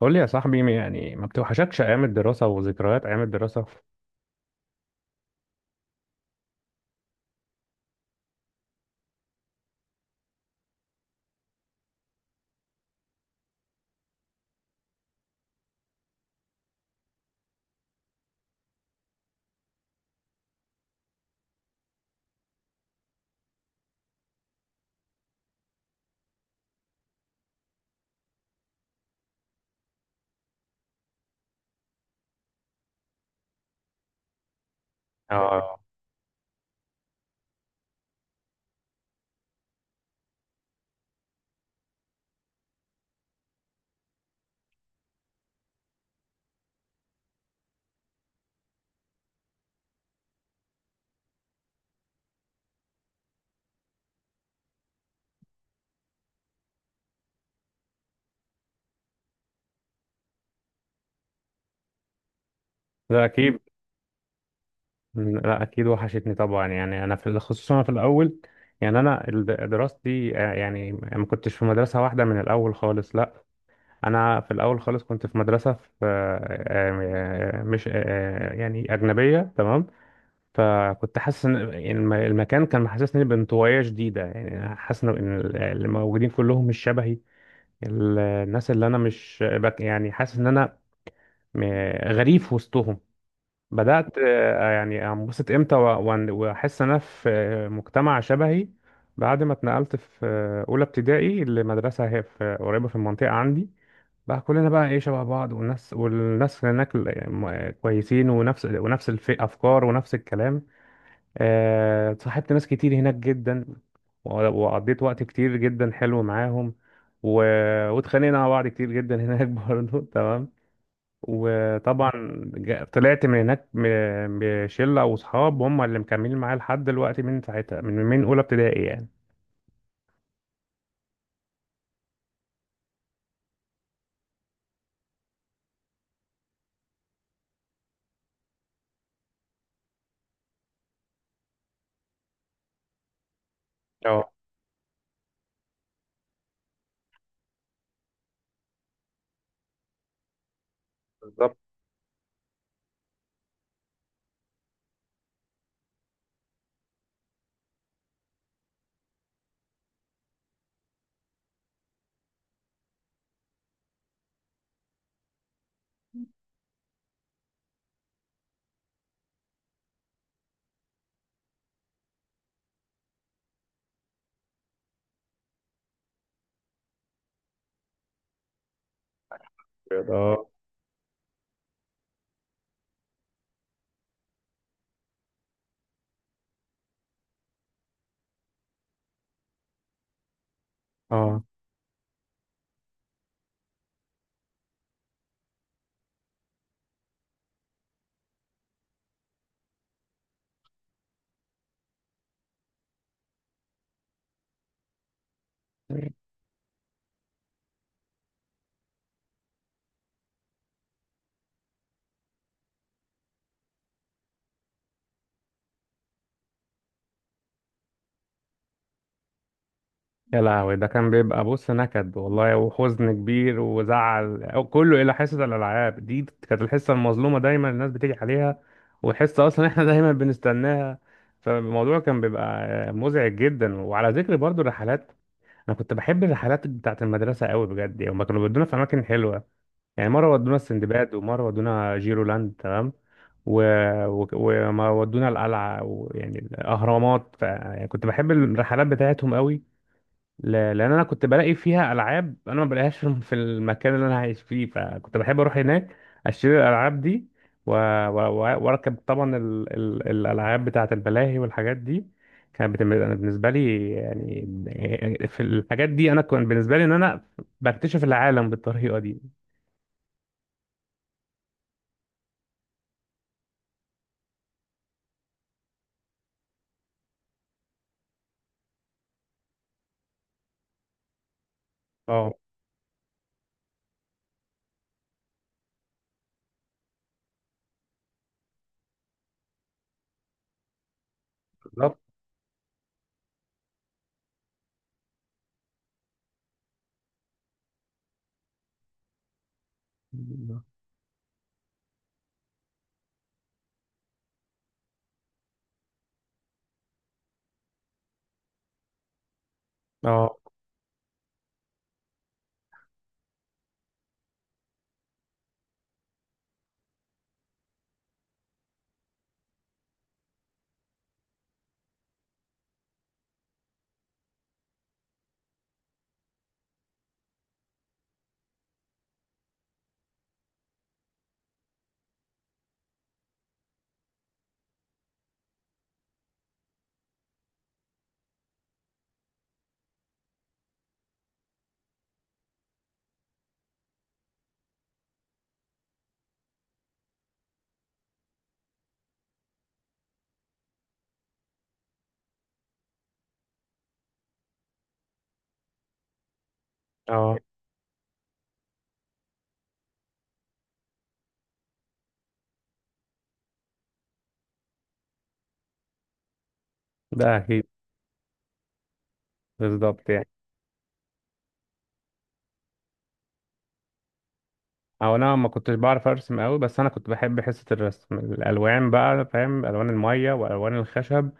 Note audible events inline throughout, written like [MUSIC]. قول لي يا صاحبي، يعني ما بتوحشكش ايام الدراسه وذكريات ايام الدراسه؟ اه. لا اكيد. لا اكيد وحشتني طبعا. يعني انا في خصوصا أنا في الاول، يعني انا دراستي، يعني ما كنتش في مدرسه واحده من الاول خالص، لا. انا في الاول خالص كنت في مدرسه في مش يعني اجنبيه، تمام. فكنت حاسس ان المكان كان محسسني بانطوائيه شديده، يعني حاسس إن اللي موجودين كلهم مش شبهي. الناس اللي انا مش بك، يعني حاسس ان انا م- غريب في وسطهم. بدأت، يعني، انبسط امتى واحس ان انا في مجتمع شبهي بعد ما اتنقلت في اولى ابتدائي لمدرسة هي في قريبة في المنطقة عندي. بقى كلنا بقى ايه شبه بعض، والناس هناك كويسين، ونفس الافكار ونفس الكلام. صاحبت ناس كتير هناك جدا، وقضيت وقت كتير جدا حلو معاهم، و... واتخانقنا مع بعض كتير جدا هناك [LAUGHS] برضه، تمام. وطبعا طلعت من هناك بشلة وصحاب هم اللي مكملين معايا لحد دلوقتي، من ساعتها، من أولى ابتدائي يعني. اه. بالظبط. كده. اه. اه يا لهوي، ده كان بيبقى، بص، نكد والله وحزن كبير وزعل، أو كله الى حصه الالعاب دي. كانت الحصه المظلومه دايما الناس بتيجي عليها، والحصه اصلا [LAUGHS] احنا دايما بنستناها. فالموضوع كان بيبقى مزعج جدا. وعلى ذكر برضو الرحلات، انا كنت بحب الرحلات بتاعت المدرسه قوي بجد. يعني هما كانوا بيودونا في اماكن حلوه، يعني مره ودونا السندباد ومره ودونا جيرولاند، تمام. و... و... وما ودونا القلعه ويعني الاهرامات. ف... يعني كنت بحب الرحلات بتاعتهم قوي، ل- لان انا كنت بلاقي فيها العاب انا ما بلاقيهاش في المكان اللي انا عايش فيه. فكنت بحب اروح هناك اشتري الالعاب دي و- واركب طبعا ال... ال... الالعاب بتاعه الملاهي والحاجات دي. كانت بتم... أنا بالنسبه لي، يعني في الحاجات دي، انا كان بالنسبه لي ان انا بكتشف العالم بالطريقه دي. اه. بالظبط. اه. اه. ده اكيد. بالظبط يعني. او انا ما كنتش بعرف ارسم قوي، بس انا كنت بحب حصة الرسم. الالوان بقى، فاهم، الوان المية والوان الخشب،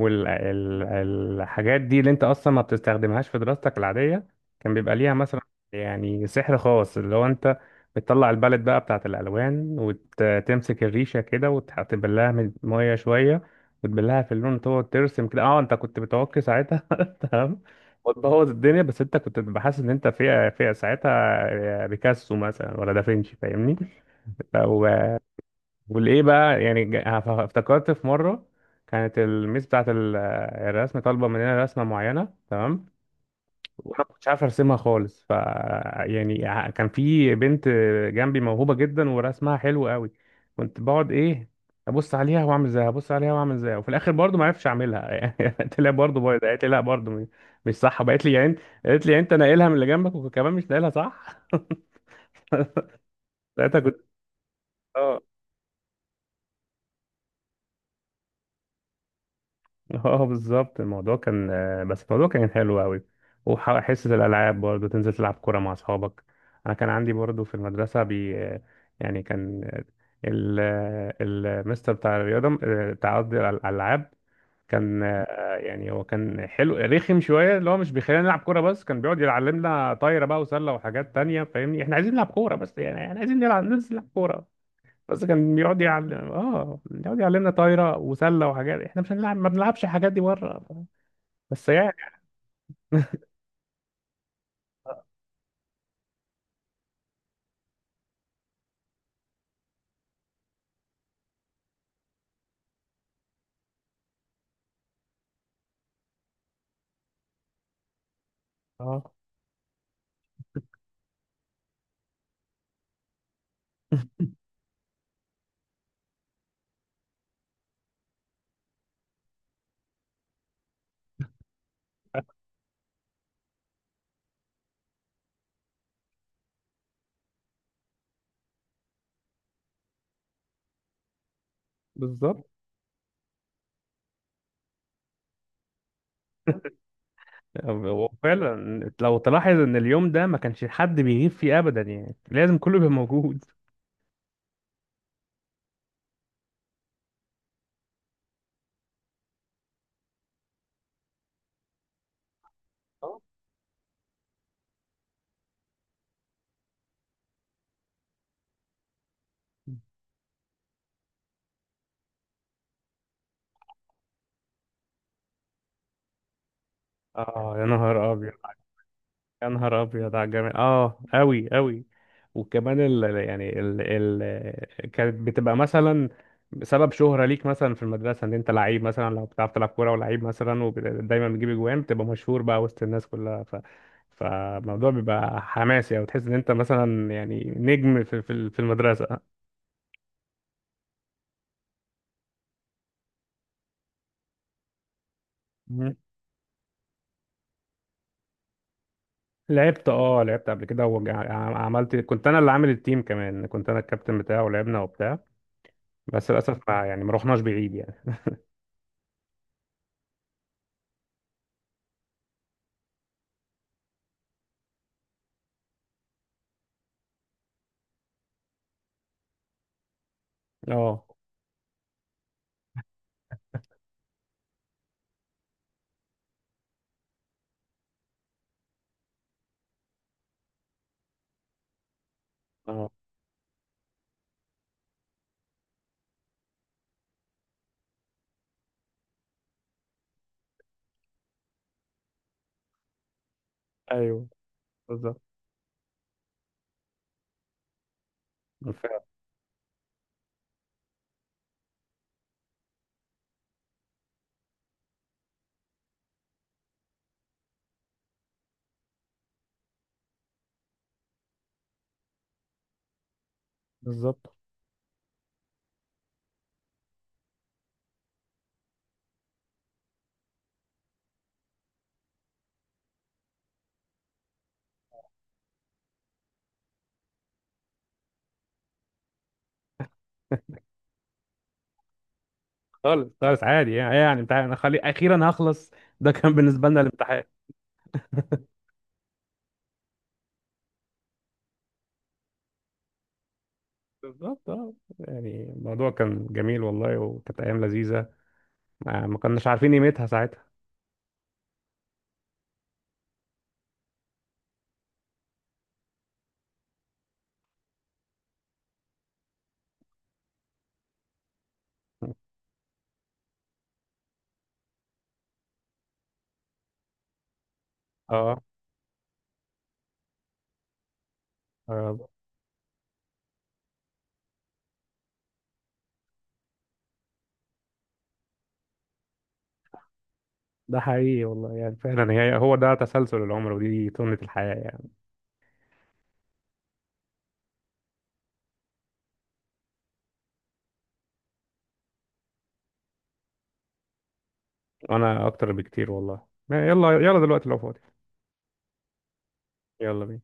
والحاجات دي اللي انت اصلا ما بتستخدمهاش في دراستك العادية، كان بيبقى ليها مثلا يعني سحر خاص. اللي هو انت بتطلع البالت بقى بتاعت الالوان وتمسك الريشة كده وتبلها من المية شوية وتبلها في اللون وتقعد ترسم كده. اه، انت كنت بتعك ساعتها [LAUGHS] تمام. بوظ الدنيا، بس انت كنت بتبقى حاسس ان انت في ساعتها بيكاسو مثلا ولا دافنشي، فاهمني. ف- و- والايه بقى، يعني، افتكرت في مره كانت الميس بتاعت الرسم طالبه مننا رسمه معينه، تمام. وانا ما كنتش عارف ارسمها خالص. ف، يعني، كان في بنت جنبي موهوبه جدا ورسمها حلو قوي. كنت بقعد ايه، ابص عليها واعمل زيها، ابص عليها واعمل زيها، وفي الاخر برضو ما عرفتش اعملها [LAUGHS] قلت لها برضو بايظه، قالت لي لا برضو مش صح، بقت لي يعني. قالت لي يعني انت ناقلها من اللي جنبك وكمان مش ناقلها صح. [LAUGHS] ساعتها كنت، اه. [LAUGHS] اه بالظبط. الموضوع كان، بس الموضوع كان حلو قوي. وحصة الألعاب برضو، تنزل تلعب كورة مع أصحابك. أنا كان عندي برضو في المدرسة بي آه، يعني كان، المستر بتاع الرياضة، آه، بتاع قصدي الألعاب. كان، يعني، هو كان حلو رخم شوية، اللي هو مش بيخلينا نلعب كورة بس. كان بيقعد يعلمنا طايرة بقى وسلة وحاجات تانية، فاهمني احنا عايزين نلعب كورة بس. يعني احنا عايزين نلعب، ننزل نلعب كورة. بس كان بيقعد يعلم، اه، بيقعد يعلمنا طايره وسله وحاجات احنا مش هنلعب، ما بنلعبش الحاجات دي بره. بس يعني. اه. [LAUGHS] بالظبط. هو فعلا لو تلاحظ ان اليوم ده ما كانش حد بيغيب فيه ابدا، يعني لازم كله بيبقى موجود. اه يا نهار ابيض. يا نهار ابيض على الجمال، اه قوي قوي. وكمان ال يعني ال ال كانت بتبقى مثلا سبب شهرة ليك مثلا في المدرسة ان انت لعيب، مثلا لو بتعرف تلعب كورة ولعيب مثلا ودايما بتجيب اجوان بتبقى مشهور بقى وسط الناس كلها. ف فالموضوع بيبقى حماسي، او تحس ان انت مثلا يعني نجم في المدرسة. مم. لعبت. اه لعبت قبل كده وعملت، كنت انا اللي عامل التيم، كمان كنت انا الكابتن بتاعه. ولعبنا وبتاع. بس للاسف ما يعني ما رحناش بعيد يعني. اه. اه. ايوه. بالظبط. بالفعل. بالظبط. خالص خالص عادي، يعني يعني امتحان، انا خلي اخيرا هخلص. ده كان بالنسبه لنا الامتحان. بالظبط اه. يعني الموضوع كان جميل والله، وكانت ايام لذيذه، ما كناش عارفين قيمتها ساعتها. [LAUGHS] اه. آه، ده حقيقي والله. يعني فعلا فعلا، هو ده تسلسل العمر ودي سنه الحياه يعني. وانا اكتر بكتير والله. يلا، يلا دلوقتي لو فاضي. يلا بينا.